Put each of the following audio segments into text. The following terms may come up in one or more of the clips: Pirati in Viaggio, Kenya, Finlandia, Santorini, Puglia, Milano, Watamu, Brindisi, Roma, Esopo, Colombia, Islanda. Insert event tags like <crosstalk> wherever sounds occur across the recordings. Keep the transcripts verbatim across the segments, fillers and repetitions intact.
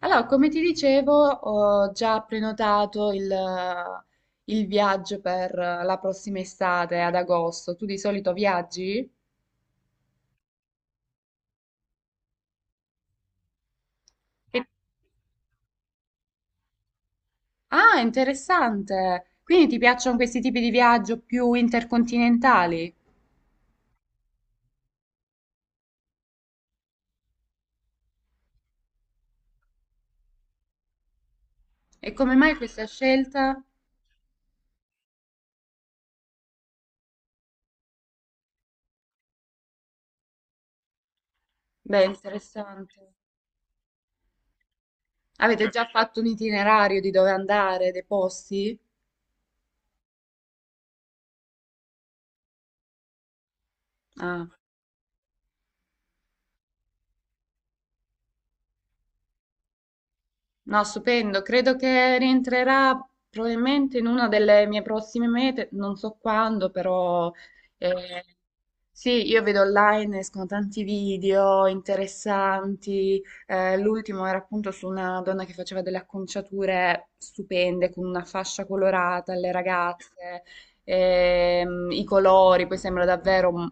Allora, come ti dicevo, ho già prenotato il, il viaggio per la prossima estate, ad agosto. Tu di solito viaggi? Che- Ah, interessante. Quindi ti piacciono questi tipi di viaggio più intercontinentali? E come mai questa scelta? Beh, interessante. Avete già fatto un itinerario di dove andare, dei posti? Ah. No, stupendo. Credo che rientrerà probabilmente in una delle mie prossime mete, non so quando, però eh, sì, io vedo online, escono tanti video interessanti. Eh, l'ultimo era appunto su una donna che faceva delle acconciature stupende con una fascia colorata alle ragazze, ehm, i colori, poi sembra davvero, mm,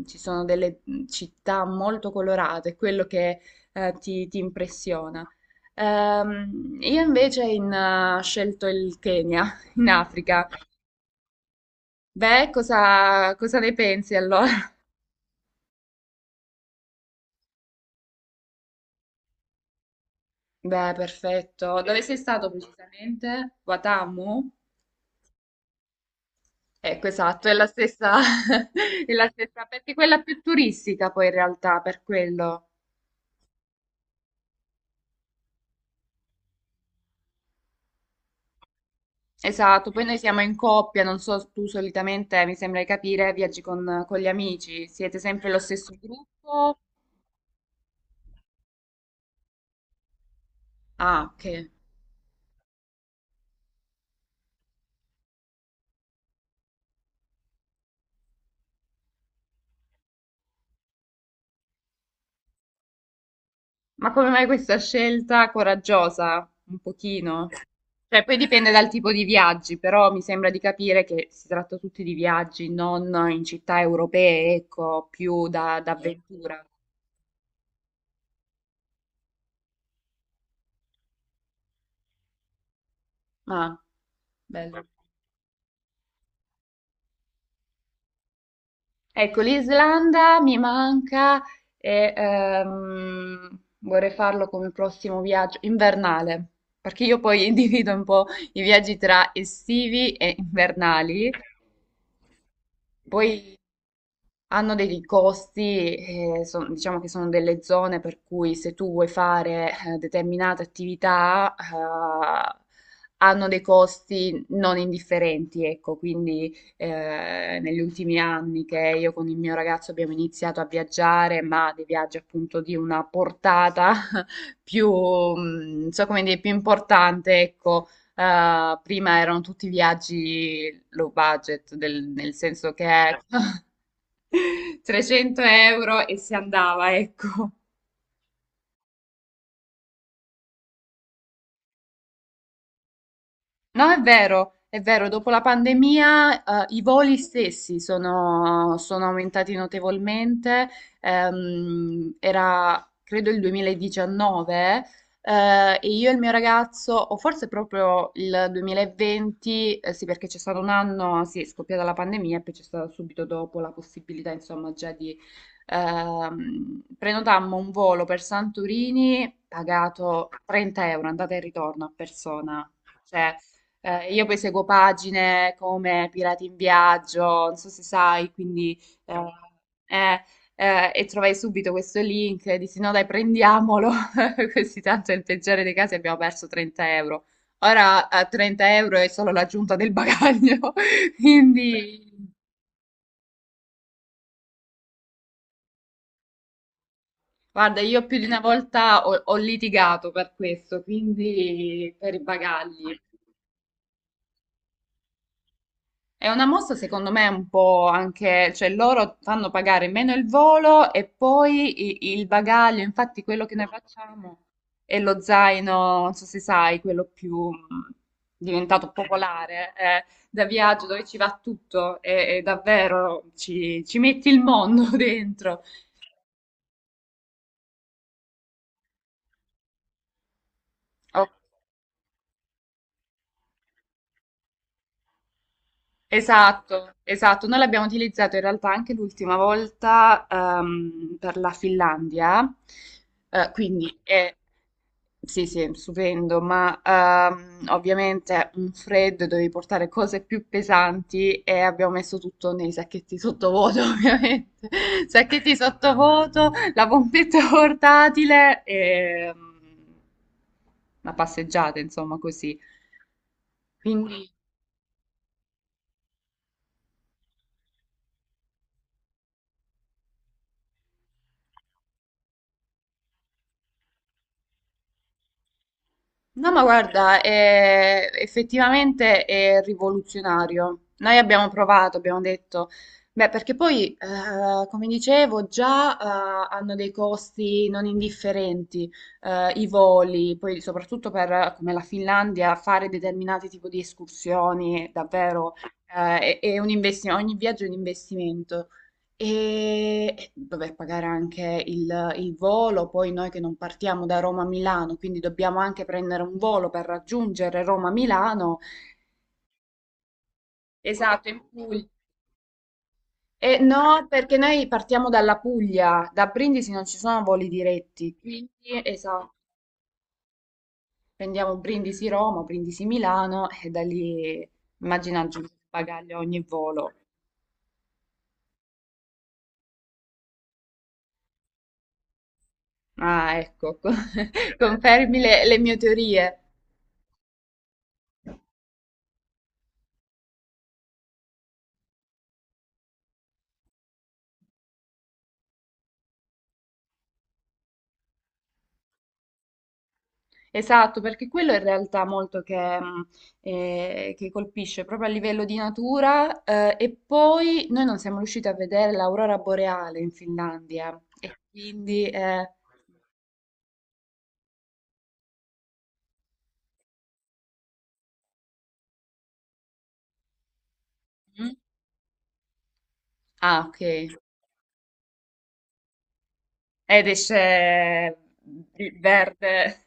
mm, ci sono delle città molto colorate, quello che eh, ti ti impressiona. Ehm, io invece in, eh, ho scelto il Kenya, <laughs> in Africa. Beh, cosa, cosa ne pensi allora? <laughs> Beh, perfetto. Dove sei stato precisamente? Watamu? Ecco, esatto, è la stessa, <laughs> è la stessa, perché quella più turistica poi in realtà, per quello. Esatto, poi noi siamo in coppia, non so, tu solitamente, mi sembra di capire, viaggi con, con gli amici, siete sempre lo stesso gruppo? Ah, ok. Ma come mai questa scelta coraggiosa? Un pochino. Cioè, poi dipende dal tipo di viaggi, però mi sembra di capire che si tratta tutti di viaggi, non in città europee, ecco, più da, da avventura. Ah, bello. Ecco, l'Islanda mi manca e ehm, vorrei farlo come prossimo viaggio invernale, perché io poi <laughs> individuo un po' i viaggi tra estivi e invernali. Poi hanno dei costi, eh, son- diciamo che sono delle zone per cui se tu vuoi fare eh, determinate attività, eh, hanno dei costi non indifferenti, ecco, quindi eh, negli ultimi anni che io con il mio ragazzo abbiamo iniziato a viaggiare, ma dei viaggi appunto di una portata <laughs> più, mm, non so come dire, più importante, ecco. Eh, prima erano tutti viaggi low budget, del- nel senso che <laughs> trecento euro e si andava, ecco. No, è vero, è vero, dopo la pandemia, eh, i voli stessi sono, sono aumentati notevolmente. Ehm, era, credo, il duemiladiciannove, eh, e io e il mio ragazzo, o forse proprio il duemilaventi, eh, sì, perché c'è stato un anno, sì, è scoppiata la pandemia e poi c'è stata subito dopo la possibilità, insomma, già di ehm, prenotammo un volo per Santorini pagato trenta euro, andata e ritorno a persona. Cioè, eh, io poi seguo pagine come Pirati in Viaggio, non so se sai, quindi eh, eh, eh, e trovai subito questo link e dissi no dai prendiamolo, <laughs> così tanto nel peggiore dei casi abbiamo perso trenta euro. Ora a trenta euro è solo l'aggiunta del bagaglio, <laughs> quindi guarda, io più di una volta ho, ho litigato per questo, quindi per i bagagli. È una mossa secondo me un po' anche, cioè loro fanno pagare meno il volo e poi i- il bagaglio, infatti quello che noi facciamo è lo zaino, non so se sai, quello più mh, diventato popolare, eh, da viaggio dove ci va tutto e, e davvero ci, ci metti il mondo <laughs> dentro. Esatto, esatto. Noi l'abbiamo utilizzato in realtà anche l'ultima volta ehm, per la Finlandia. Eh, quindi è, sì, sì, stupendo, ma ehm, ovviamente un freddo dovevi portare cose più pesanti e abbiamo messo tutto nei sacchetti sottovuoto, <laughs> ovviamente. Sacchetti sottovuoto, la pompetta portatile e mm, una passeggiata, insomma, così. Quindi, no, ma guarda, è- effettivamente è rivoluzionario. Noi abbiamo provato, abbiamo detto, beh, perché poi, eh, come dicevo, già, eh, hanno dei costi non indifferenti, eh, i voli, poi soprattutto per, eh, come la Finlandia, fare determinati tipi di escursioni, davvero, eh, è, è un investimento, ogni viaggio è un investimento. E e vabbè, pagare anche il, il volo, poi noi che non partiamo da Roma a Milano, quindi dobbiamo anche prendere un volo per raggiungere Roma a Milano. Esatto, in Puglia. E no, perché noi partiamo dalla Puglia, da Brindisi non ci sono voli diretti, quindi esatto, prendiamo Brindisi Roma, Brindisi Milano e da lì immagina aggiungere bagaglio a ogni volo. Ah, ecco, <laughs> confermi le le mie teorie. Esatto, perché quello è in realtà molto che, mh, eh, che colpisce proprio a livello di natura, eh, e poi noi non siamo riusciti a vedere l'aurora boreale in Finlandia e quindi... eh, Mm? Ah, ok. Ed esce il verde.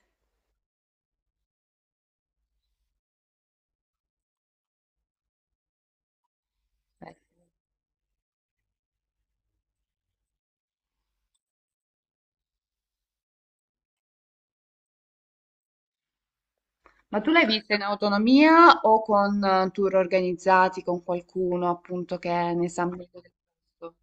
Ma tu l'hai vista in autonomia o con eh, tour organizzati con qualcuno appunto che ne sa meglio del posto?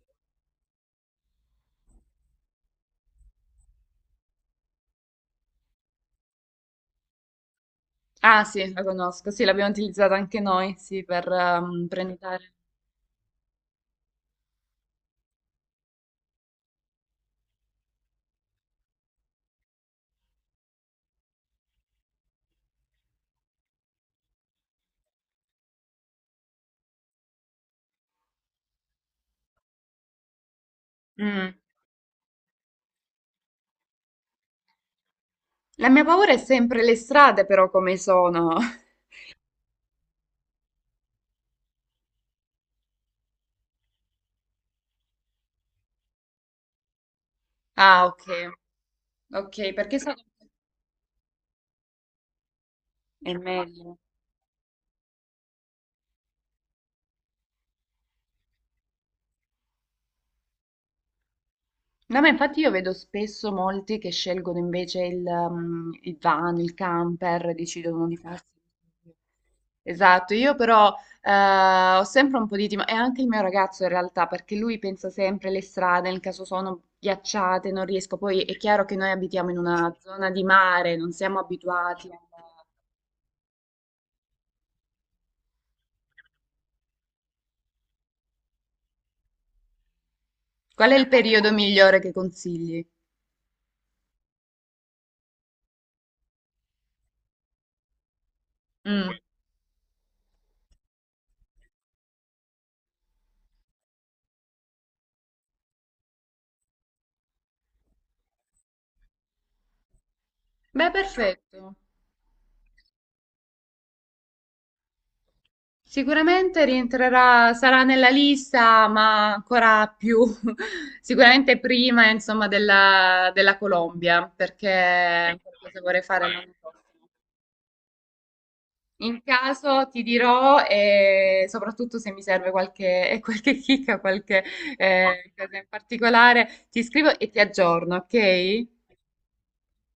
Ah sì, la conosco, sì, l'abbiamo utilizzata anche noi, sì, per ehm, prenotare. Mm. La mia paura è sempre le strade, però, come sono. <laughs> Ah, ok, ok, perché sono... È meglio. No, ma infatti io vedo spesso molti che scelgono invece il, um, il van, il camper, decidono di farsi. Esatto, io però eh, ho sempre un po' di timore, e anche il mio ragazzo in realtà, perché lui pensa sempre alle strade, nel caso sono ghiacciate, non riesco. Poi è chiaro che noi abitiamo in una zona di mare, non siamo abituati a qual è il periodo migliore che consigli? Mm. Beh, perfetto. Sicuramente rientrerà, sarà nella lista, ma ancora più, <laughs> sicuramente prima, insomma, della, della Colombia, perché cosa vorrei fare l'anno prossimo. In caso ti dirò, e soprattutto se mi serve qualche, <laughs> qualche chicca, qualche eh, cosa in particolare, ti scrivo e ti aggiorno, ok?